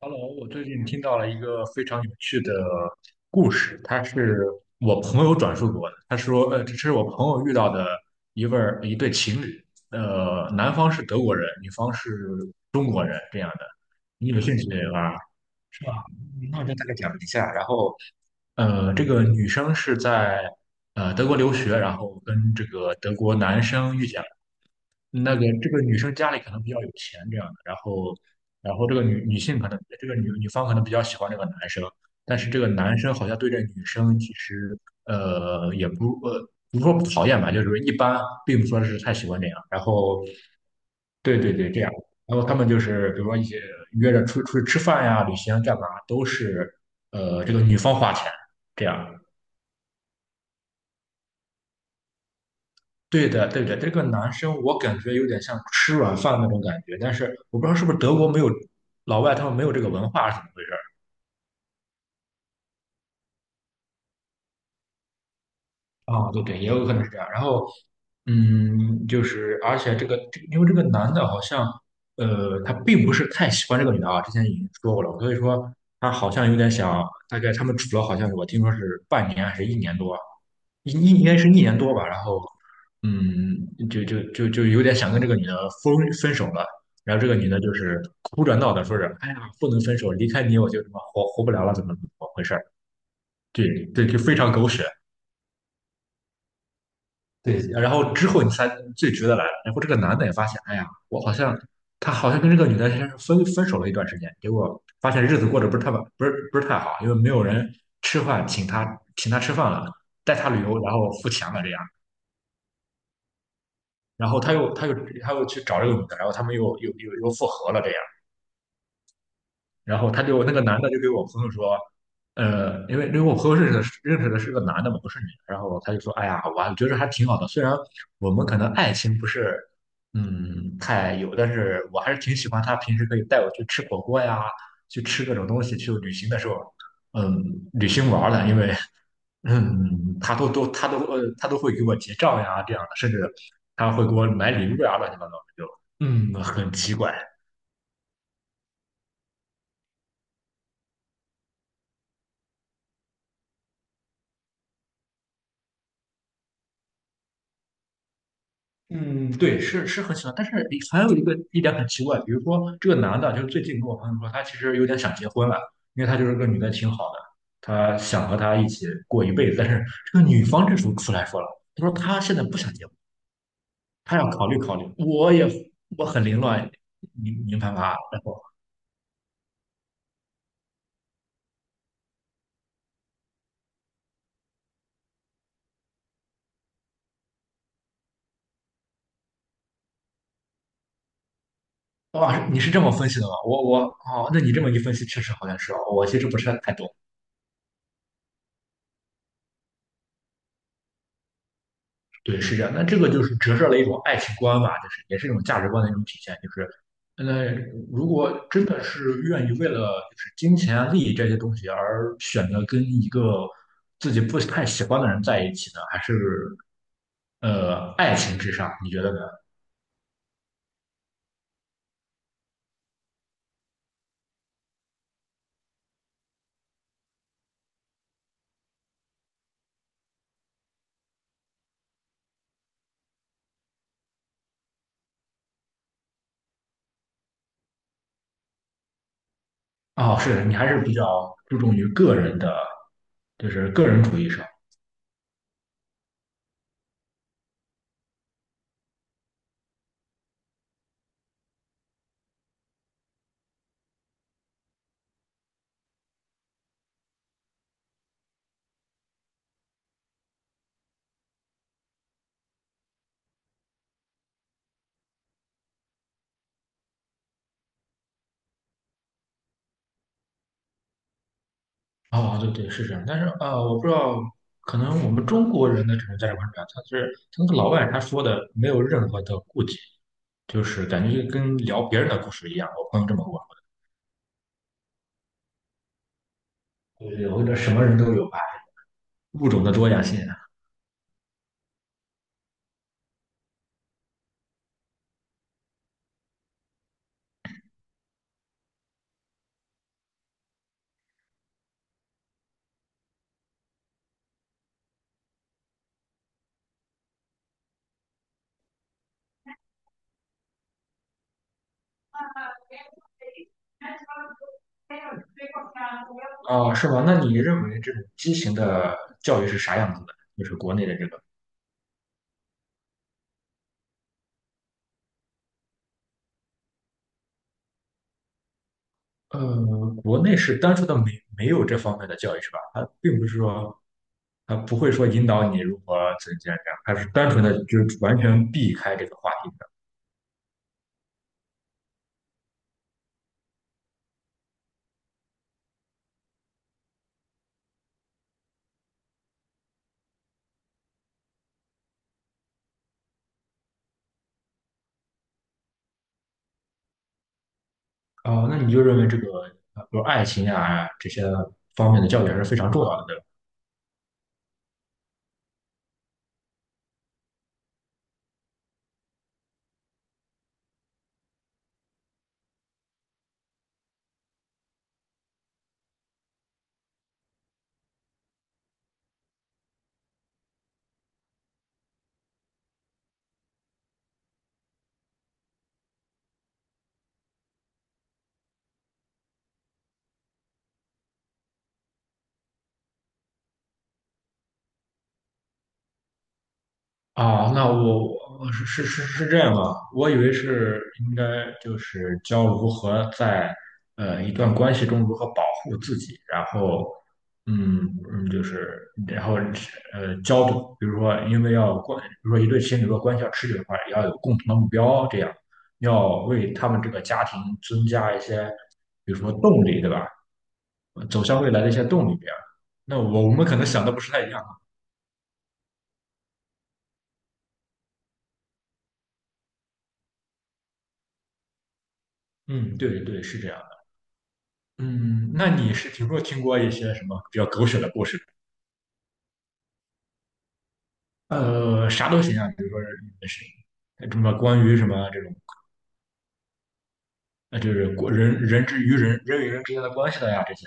Hello，我最近听到了一个非常有趣的故事，他是我朋友转述给我的。他说，这是我朋友遇到的一位儿一对情侣，男方是德国人，女方是中国人，这样的。你有兴趣吗？是吧？那我就大概讲一下。然后，这个女生是在德国留学，然后跟这个德国男生遇见那个这个女生家里可能比较有钱这样的，然后然后这个女性可能这个女方可能比较喜欢这个男生，但是这个男生好像对这女生其实呃也不呃不是说不讨厌吧，就是一般，并不说是太喜欢这样。然后对对对，这样。然后他们就是比如说一些约着出去吃饭呀、旅行啊干嘛，都是这个女方花钱这样。对的，对的，这个男生我感觉有点像吃软饭那种感觉，但是我不知道是不是德国没有老外他们没有这个文化是怎么回事儿啊？对对，也有可能是这样。然后，嗯，就是而且这个因为这个男的好像他并不是太喜欢这个女的啊，之前已经说过了，所以说他好像有点想，大概他们处了好像是我听说是半年还是一年多，应该是一年多吧，然后嗯，就有点想跟这个女的分分手了，然后这个女的就是哭着闹着说是哎呀，不能分手，离开你我就什么活不了了，怎么回事儿对对，就非常狗血。对，然后之后你才最值得来了然后这个男的也发现，哎呀，我好像他好像跟这个女的先是分手了一段时间，结果发现日子过得不是太好，因为没有人吃饭请他请他吃饭了，带他旅游，然后付钱了这样。然后他又去找这个女的，然后他们又复合了这样，然后他就那个男的就给我朋友说，因为因为我朋友认识的是个男的嘛，不是女的，然后他就说，哎呀，我觉得还挺好的，虽然我们可能爱情不是太有，但是我还是挺喜欢他平时可以带我去吃火锅呀，去吃各种东西，去旅行的时候，嗯，旅行玩儿的，因为嗯，他都会给我结账呀，这样的，甚至他会给我买礼物呀，乱七八糟的，就很奇怪。嗯，对，是是很奇怪。但是还有一点很奇怪，比如说这个男的，就是最近跟我朋友说，他其实有点想结婚了，因为他就是个女的挺好的，他想和她一起过一辈子，但是这个女方这时候出来说了，他说他现在不想结婚，他要考虑考虑。我很凌乱，你明白吧？哇，你是这么分析的吗？我哦，那你这么一分析，确实好像是哦。我其实不是太懂。对，是这样。那这个就是折射了一种爱情观吧，就是也是一种价值观的一种体现。就是，那如果真的是愿意为了就是金钱啊、利益这些东西而选择跟一个自己不太喜欢的人在一起呢，还是爱情至上？你觉得呢？哦，是的你还是比较注重于个人的，就是个人主义上。啊，对对，是这样。但是啊，我不知道，可能我们中国人的这种价值观是这他是他那个老外他说的没有任何的顾忌，就是感觉就跟聊别人的故事一样。我朋友这么跟我说，对对，我觉得什么人都有吧，物种的多样性啊，是吧？那你认为这种畸形的教育是啥样子的？就是国内的这个，呃，国内是单纯的没有这方面的教育是吧？他并不是说。他不会说引导你如何怎样怎样，他是单纯的就是完全避开这个话题。哦，那你就认为这个，比如爱情啊这些方面的教育还是非常重要的，对吧？啊，那我我是这样啊，我以为是应该就是教如何在一段关系中如何保护自己，然后嗯嗯，就是然后教，比如说因为要关，比如说一对情侣如果关系要持久的话，也要有共同的目标，这样要为他们这个家庭增加一些，比如说动力，对吧？走向未来的一些动力。那我们可能想的不是太一样。嗯，对对，是这样的。嗯，那你是听过一些什么比较狗血的故事？啥都行啊，比如说是什么这种，就是国人人之于与人之间的关系的呀这些。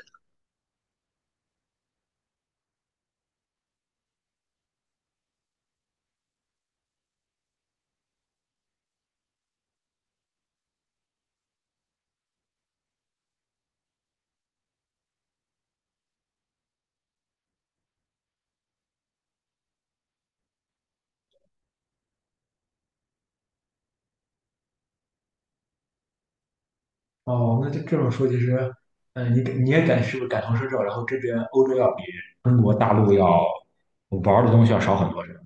哦，那这这种说，其实，你也感是不是感同身受？然后这边欧洲要比中国大陆要玩的东西要少很多，是吧？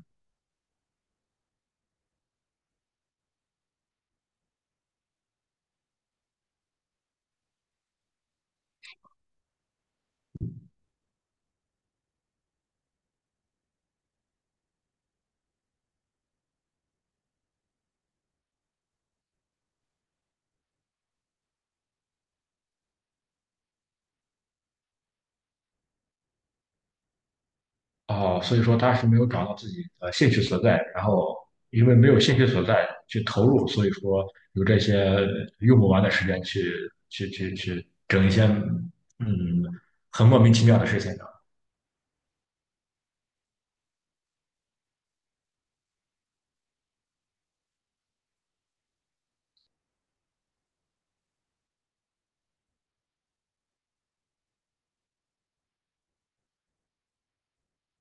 哦，所以说他是没有找到自己的兴趣所在，然后因为没有兴趣所在去投入，所以说有这些用不完的时间去去整一些很莫名其妙的事情上。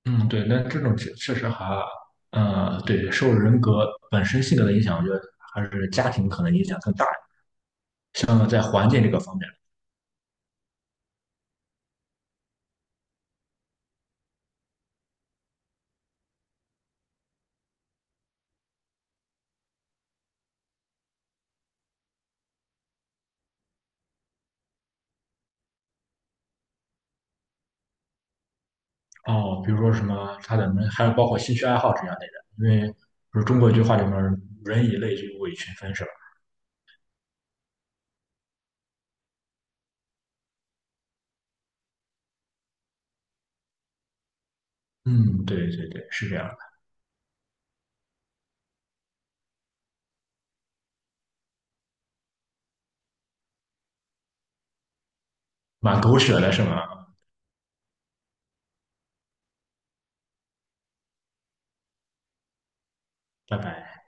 嗯，对，那这种确实还对受人格本身性格的影响，我觉得还是家庭可能影响更大，像在环境这个方面。哦，比如说什么他的门，还有包括兴趣爱好这样类的，因为不是中国一句话里面"人以类聚，物以群分"是吧？嗯，对对对，是这样，的，蛮狗血的，是吗？拜拜。